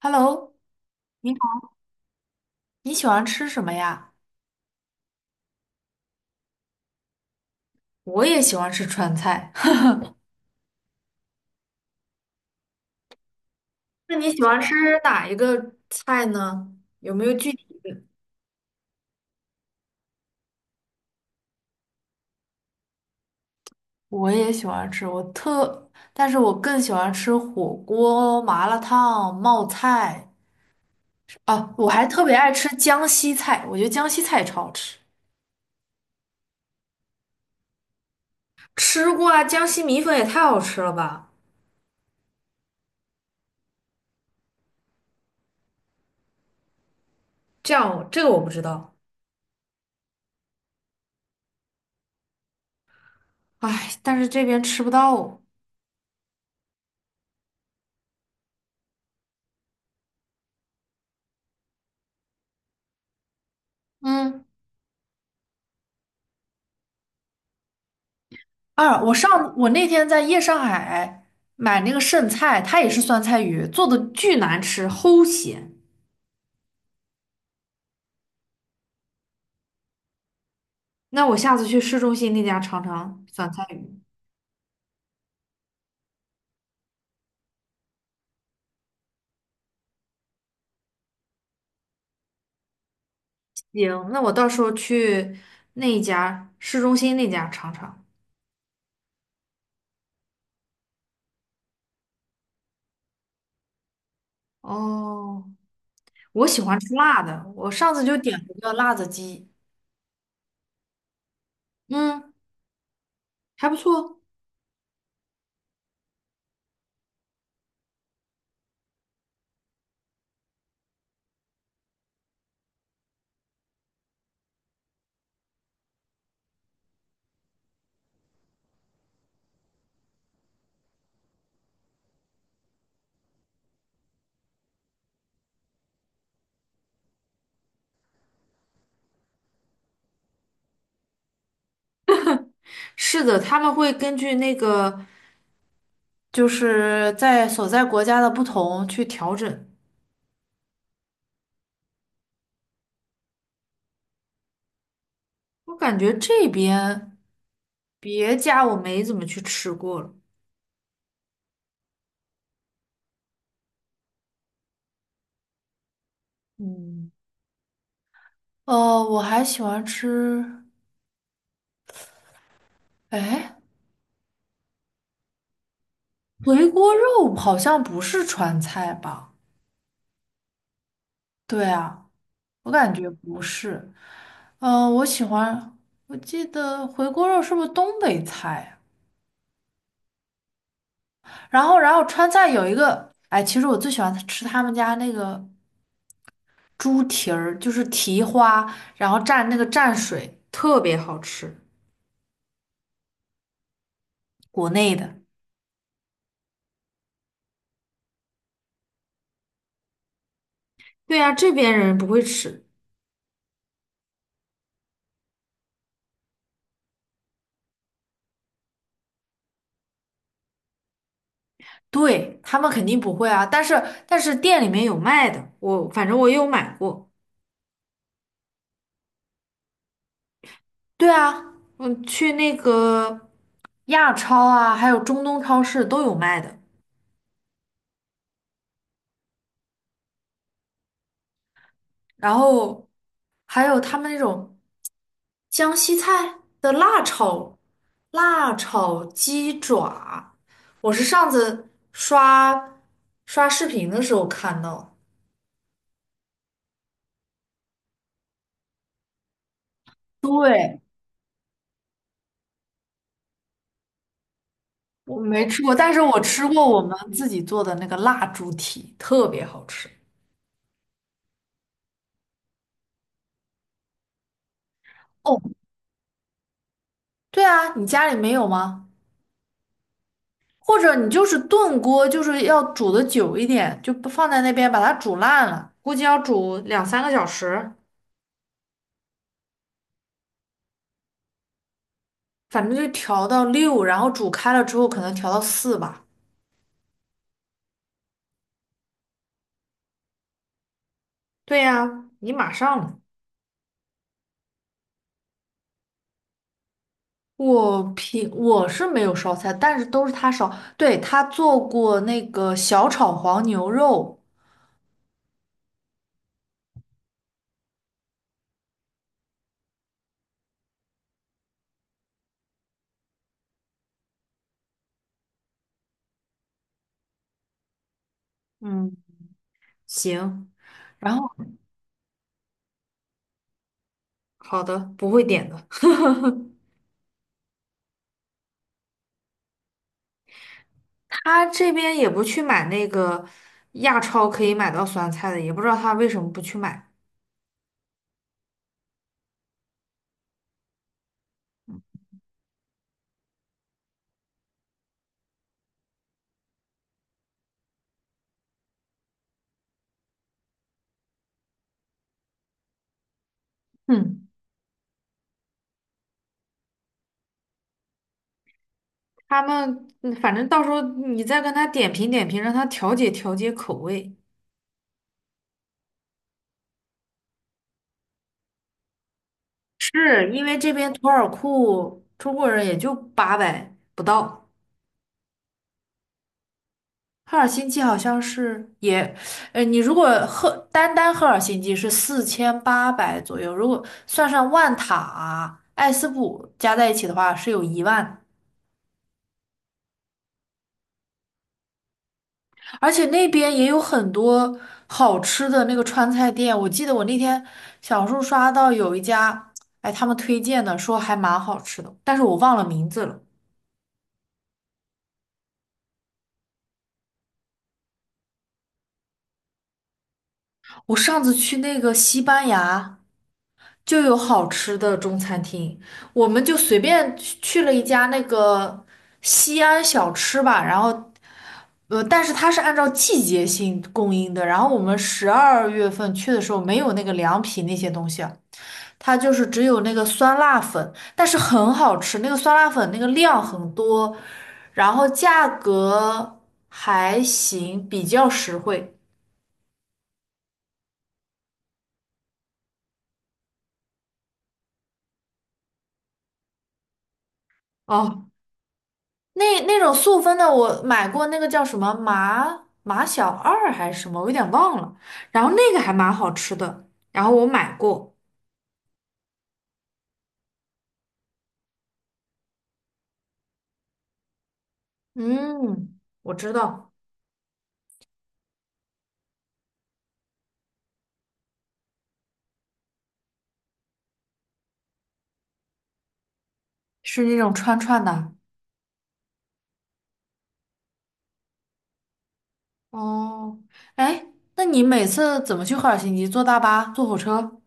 Hello，你好，你喜欢吃什么呀？我也喜欢吃川菜，那你喜欢吃哪一个菜呢？有没有具体？我也喜欢吃，但是我更喜欢吃火锅、麻辣烫、冒菜。啊，我还特别爱吃江西菜，我觉得江西菜超好吃。吃过啊，江西米粉也太好吃了吧！这样，这个我不知道。唉，但是这边吃不到。嗯。啊，我那天在夜上海买那个剩菜，它也是酸菜鱼，做的巨难吃，齁咸。那我下次去市中心那家尝尝酸菜鱼。行，那我到时候去那一家市中心那家尝尝。哦，我喜欢吃辣的，我上次就点了个辣子鸡，嗯，还不错。是的，他们会根据那个就是在所在国家的不同去调整。我感觉这边别家我没怎么去吃过了。嗯，呃，我还喜欢吃，哎，回锅肉好像不是川菜吧？对啊，我感觉不是。我喜欢，我记得回锅肉是不是东北菜呀然后川菜有一个，哎，其实我最喜欢吃他们家那个猪蹄儿，就是蹄花，然后蘸那个蘸水，特别好吃，国内的。对呀，这边人不会吃，对，他们肯定不会啊。但是店里面有卖的，我反正我有买过。对啊，嗯，去那个亚超啊，还有中东超市都有卖的。然后还有他们那种江西菜的辣炒鸡爪，我是上次刷视频的时候看到。对。我没吃过，但是我吃过我们自己做的那个蜡猪蹄，特别好吃。哦，对啊，你家里没有吗？或者你就是炖锅，就是要煮的久一点，就不放在那边把它煮烂了，估计要煮2、3个小时，反正就调到六，然后煮开了之后可能调到四吧。对呀，你马上了我是没有烧菜，但是都是他烧。对，他做过那个小炒黄牛肉，嗯，行，然后好的，不会点的。他这边也不去买那个亚超可以买到酸菜的，也不知道他为什么不去买。嗯，他们反正到时候你再跟他点评点评，让他调节调节口味。是因为这边图尔库中国人也就八百不到，赫尔辛基好像是也，你如果单单赫尔辛基是4800左右，如果算上万塔啊、艾斯普加在一起的话，是有10000。而且那边也有很多好吃的那个川菜店，我记得我那天小红书刷到有一家，哎，他们推荐的说还蛮好吃的，但是我忘了名字了。我上次去那个西班牙就有好吃的中餐厅，我们就随便去了一家那个西安小吃吧，然后。呃，但是它是按照季节性供应的，然后我们12月份去的时候没有那个凉皮那些东西，它就是只有那个酸辣粉，但是很好吃，那个酸辣粉那个量很多，然后价格还行，比较实惠。哦，那种速分的，我买过那个叫什么麻麻小二还是什么，我有点忘了。然后那个还蛮好吃的，然后我买过。嗯，我知道，是那种串串的。哦，哎，那你每次怎么去赫尔辛基？坐大巴，坐火车？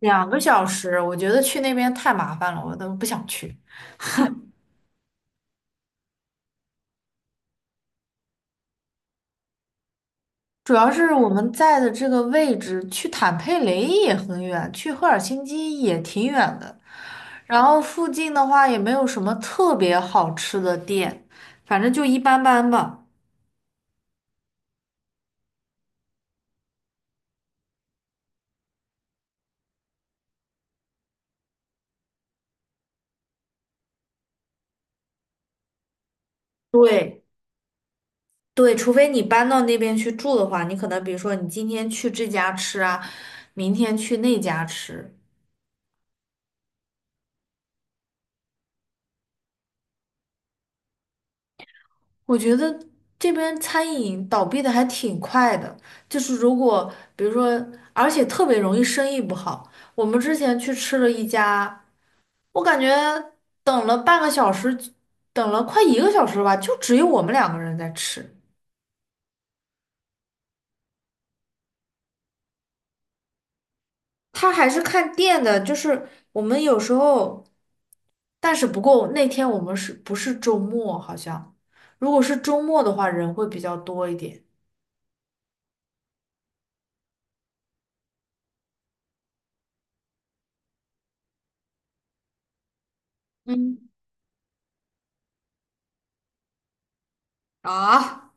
2个小时，我觉得去那边太麻烦了，我都不想去。主要是我们在的这个位置，去坦佩雷也很远，去赫尔辛基也挺远的。然后附近的话也没有什么特别好吃的店，反正就一般般吧。对对，除非你搬到那边去住的话，你可能比如说你今天去这家吃啊，明天去那家吃。我觉得这边餐饮倒闭的还挺快的，就是如果比如说，而且特别容易生意不好。我们之前去吃了一家，我感觉等了半个小时，等了快1个小时吧，就只有我们2个人在吃。他还是看店的，就是我们有时候，但是不过那天我们是不是周末？好像如果是周末的话，人会比较多一点。嗯，啊。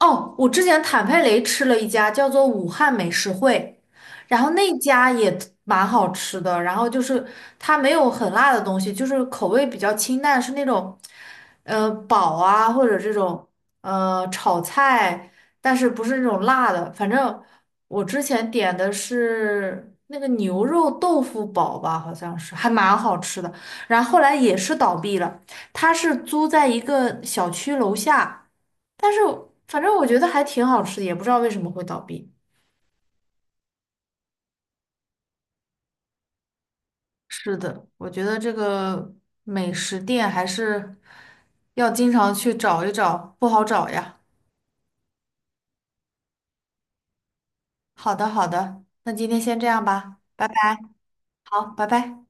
哦，我之前坦佩雷吃了一家叫做武汉美食会，然后那家也蛮好吃的，然后就是它没有很辣的东西，就是口味比较清淡，是那种煲啊或者这种炒菜，但是不是那种辣的。反正我之前点的是那个牛肉豆腐煲吧，好像是还蛮好吃的，然后后来也是倒闭了，它是租在一个小区楼下。但是反正我觉得还挺好吃的，也不知道为什么会倒闭。是的，我觉得这个美食店还是要经常去找一找，不好找呀。好的，好的，那今天先这样吧，拜拜。好，拜拜。